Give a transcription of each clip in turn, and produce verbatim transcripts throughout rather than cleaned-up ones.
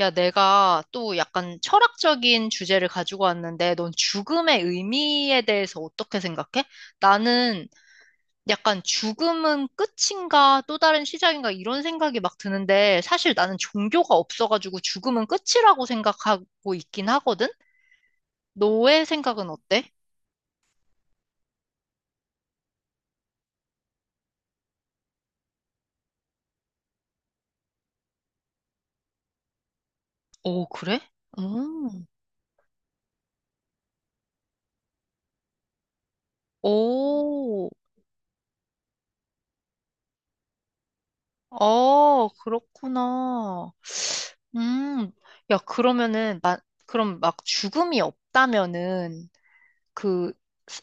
야, 내가 또 약간 철학적인 주제를 가지고 왔는데, 넌 죽음의 의미에 대해서 어떻게 생각해? 나는 약간 죽음은 끝인가 또 다른 시작인가 이런 생각이 막 드는데, 사실 나는 종교가 없어가지고 죽음은 끝이라고 생각하고 있긴 하거든? 너의 생각은 어때? 오, 그래? 음, 오, 어, 그렇구나. 음, 야, 그러면은, 나, 그럼 막 죽음이 없다면은, 그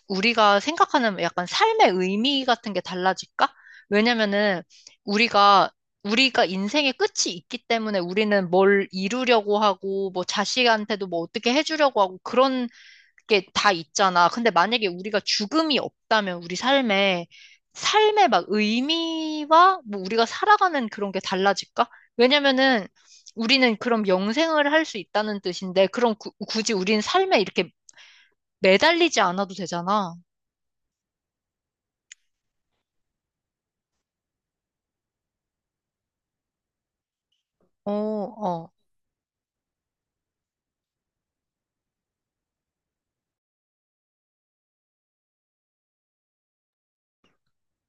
우리가 생각하는 약간 삶의 의미 같은 게 달라질까? 왜냐면은 우리가 우리가 인생의 끝이 있기 때문에 우리는 뭘 이루려고 하고 뭐 자식한테도 뭐 어떻게 해주려고 하고 그런 게 다 있잖아. 근데 만약에 우리가 죽음이 없다면 우리 삶에 삶의 막 의미와 뭐 우리가 살아가는 그런 게 달라질까? 왜냐면은 우리는 그럼 영생을 할 수 있다는 뜻인데 그럼 구- 굳이 우리는 삶에 이렇게 매달리지 않아도 되잖아. 어, 어.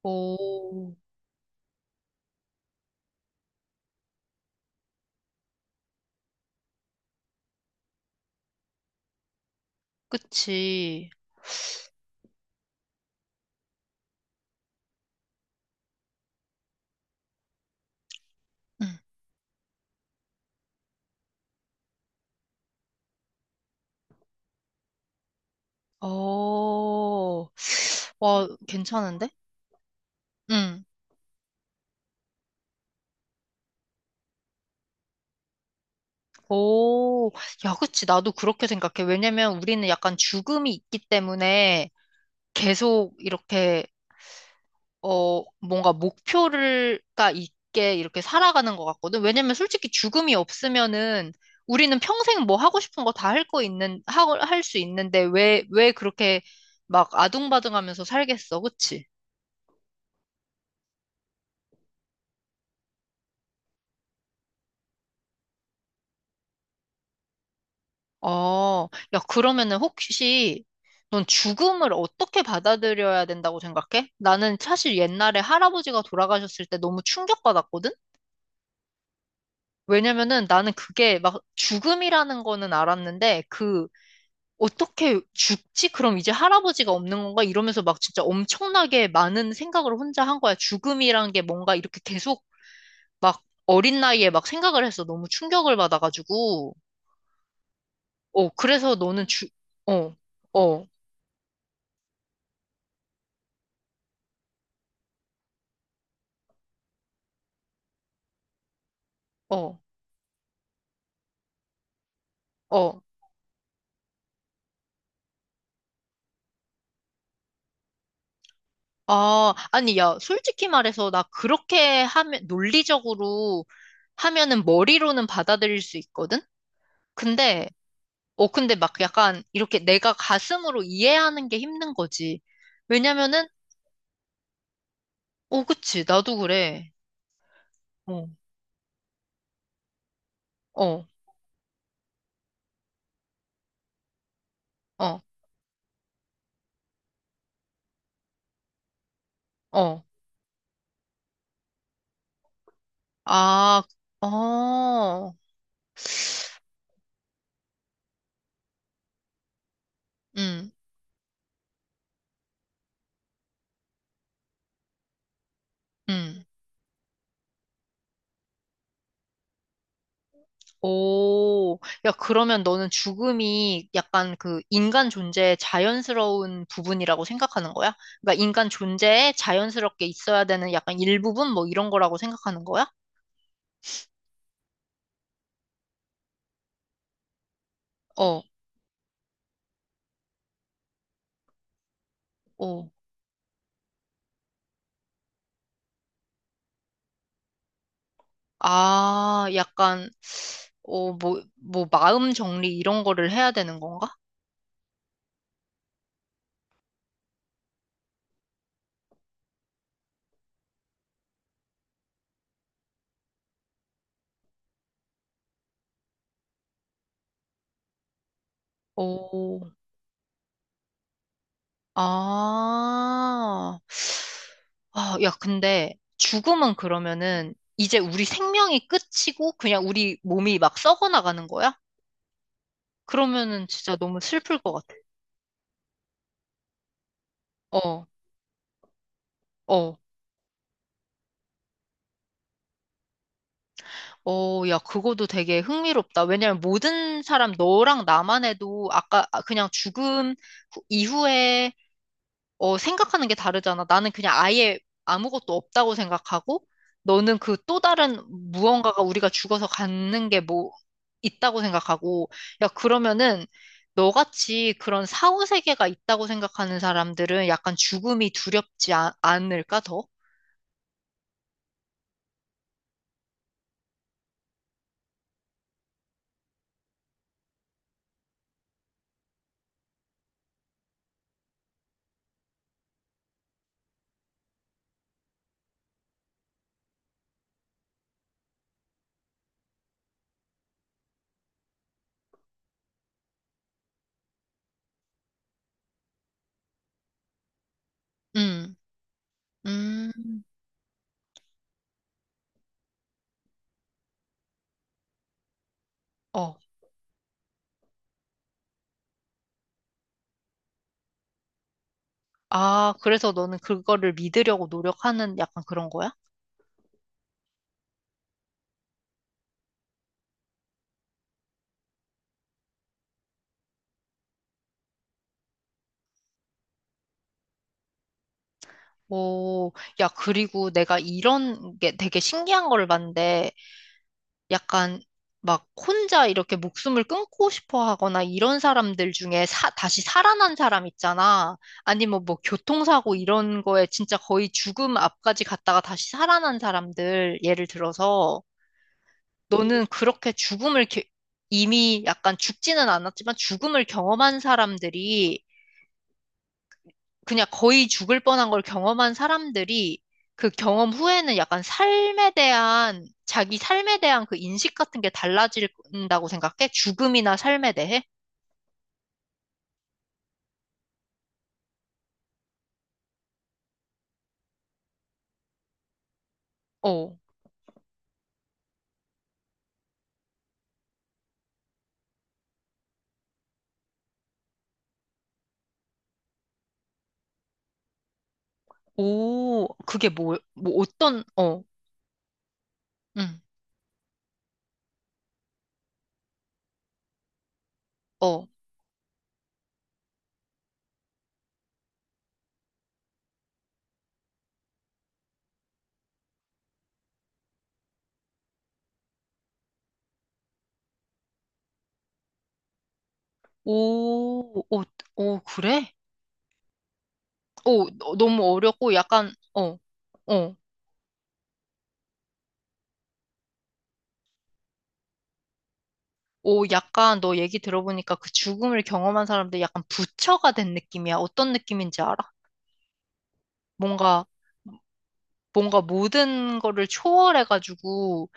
오, 그치. 응. 어, 와, 괜찮은데? 응. 오, 야, 그치. 나도 그렇게 생각해. 왜냐면 우리는 약간 죽음이 있기 때문에 계속 이렇게 어, 뭔가 목표가 있게 이렇게 살아가는 것 같거든. 왜냐면 솔직히 죽음이 없으면은 우리는 평생 뭐 하고 싶은 거 다 할 거 있는, 할 수 있는데 왜, 왜 그렇게 막 아둥바둥하면서 살겠어. 그치? 어, 야, 그러면은 혹시 넌 죽음을 어떻게 받아들여야 된다고 생각해? 나는 사실 옛날에 할아버지가 돌아가셨을 때 너무 충격받았거든? 왜냐면은 나는 그게 막 죽음이라는 거는 알았는데 그 어떻게 죽지? 그럼 이제 할아버지가 없는 건가? 이러면서 막 진짜 엄청나게 많은 생각을 혼자 한 거야. 죽음이란 게 뭔가 이렇게 계속 막 어린 나이에 막 생각을 해서 너무 충격을 받아가지고. 어, 그래서 너는 주, 어, 어, 어, 어. 아, 아니, 야, 솔직히 말해서 나 그렇게 하면, 논리적으로 하면은 머리로는 받아들일 수 있거든? 근데, 어, 근데 막 약간 이렇게 내가 가슴으로 이해하는 게 힘든 거지. 왜냐면은 어, 그치. 나도 그래. 어. 어, 어, 어. 아, 어. 음, 음. 오. 야, 그러면 너는 죽음이 약간 그 인간 존재의 자연스러운 부분이라고 생각하는 거야? 그러니까 인간 존재에 자연스럽게 있어야 되는 약간 일부분 뭐 이런 거라고 생각하는 거야? 어, 어. 아, 약간, 어, 뭐, 뭐, 마음 정리 이런 거를 해야 되는 건가? 오. 아, 아, 야, 근데 죽음은 그러면은 이제 우리 생명이 끝이고 그냥 우리 몸이 막 썩어 나가는 거야? 그러면은 진짜 너무 슬플 것 같아. 어, 어, 어, 야, 그거도 되게 흥미롭다. 왜냐면 모든 사람, 너랑 나만 해도 아까 아, 그냥 죽음 후- 이후에 어, 생각하는 게 다르잖아. 나는 그냥 아예 아무것도 없다고 생각하고, 너는 그 또 다른 무언가가 우리가 죽어서 갖는 게 뭐 있다고 생각하고, 야, 그러면은 너같이 그런 사후세계가 있다고 생각하는 사람들은 약간 죽음이 두렵지 아- 않을까, 더? 음, 음, 어. 아, 그래서 너는 그거를 믿으려고 노력하는 약간 그런 거야? 오, 야, 그리고 내가 이런 게 되게 신기한 거를 봤는데, 약간 막 혼자 이렇게 목숨을 끊고 싶어 하거나 이런 사람들 중에 사- 다시 살아난 사람 있잖아. 아니면 뭐 교통사고 이런 거에 진짜 거의 죽음 앞까지 갔다가 다시 살아난 사람들 예를 들어서 너는 그렇게 죽음을 겨- 이미 약간 죽지는 않았지만 죽음을 경험한 사람들이 그냥 거의 죽을 뻔한 걸 경험한 사람들이 그 경험 후에는 약간 삶에 대한, 자기 삶에 대한 그 인식 같은 게 달라진다고 생각해? 죽음이나 삶에 대해? 어, 오, 그게 뭐, 뭐 어떤, 어, 응, 어, 오, 오, 오, 그래? 오, 너- 너무 어렵고 약간, 어, 어. 오, 약간 너 얘기 들어보니까 그 죽음을 경험한 사람들 약간 부처가 된 느낌이야. 어떤 느낌인지 알아? 뭔가 뭔가 모든 거를 초월해가지고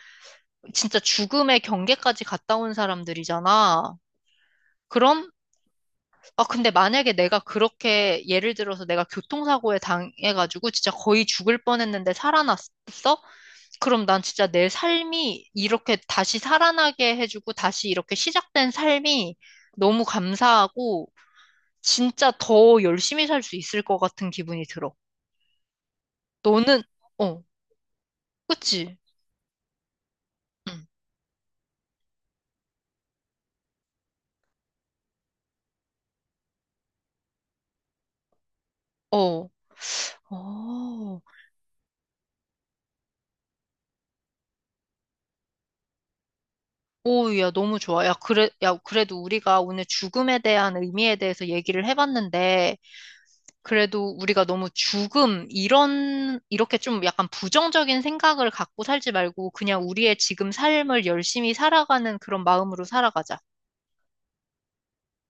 진짜 죽음의 경계까지 갔다 온 사람들이잖아. 그럼, 아, 근데 만약에 내가 그렇게 예를 들어서 내가 교통사고에 당해가지고 진짜 거의 죽을 뻔했는데 살아났어? 그럼 난 진짜 내 삶이 이렇게 다시 살아나게 해주고 다시 이렇게 시작된 삶이 너무 감사하고 진짜 더 열심히 살 수 있을 것 같은 기분이 들어. 너는, 어, 그치? 응. 어. 어. 오, 야, 너무 좋아. 야, 그래, 야, 그래도 우리가 오늘 죽음에 대한 의미에 대해서 얘기를 해봤는데, 그래도 우리가 너무 죽음, 이런, 이렇게 좀 약간 부정적인 생각을 갖고 살지 말고, 그냥 우리의 지금 삶을 열심히 살아가는 그런 마음으로 살아가자.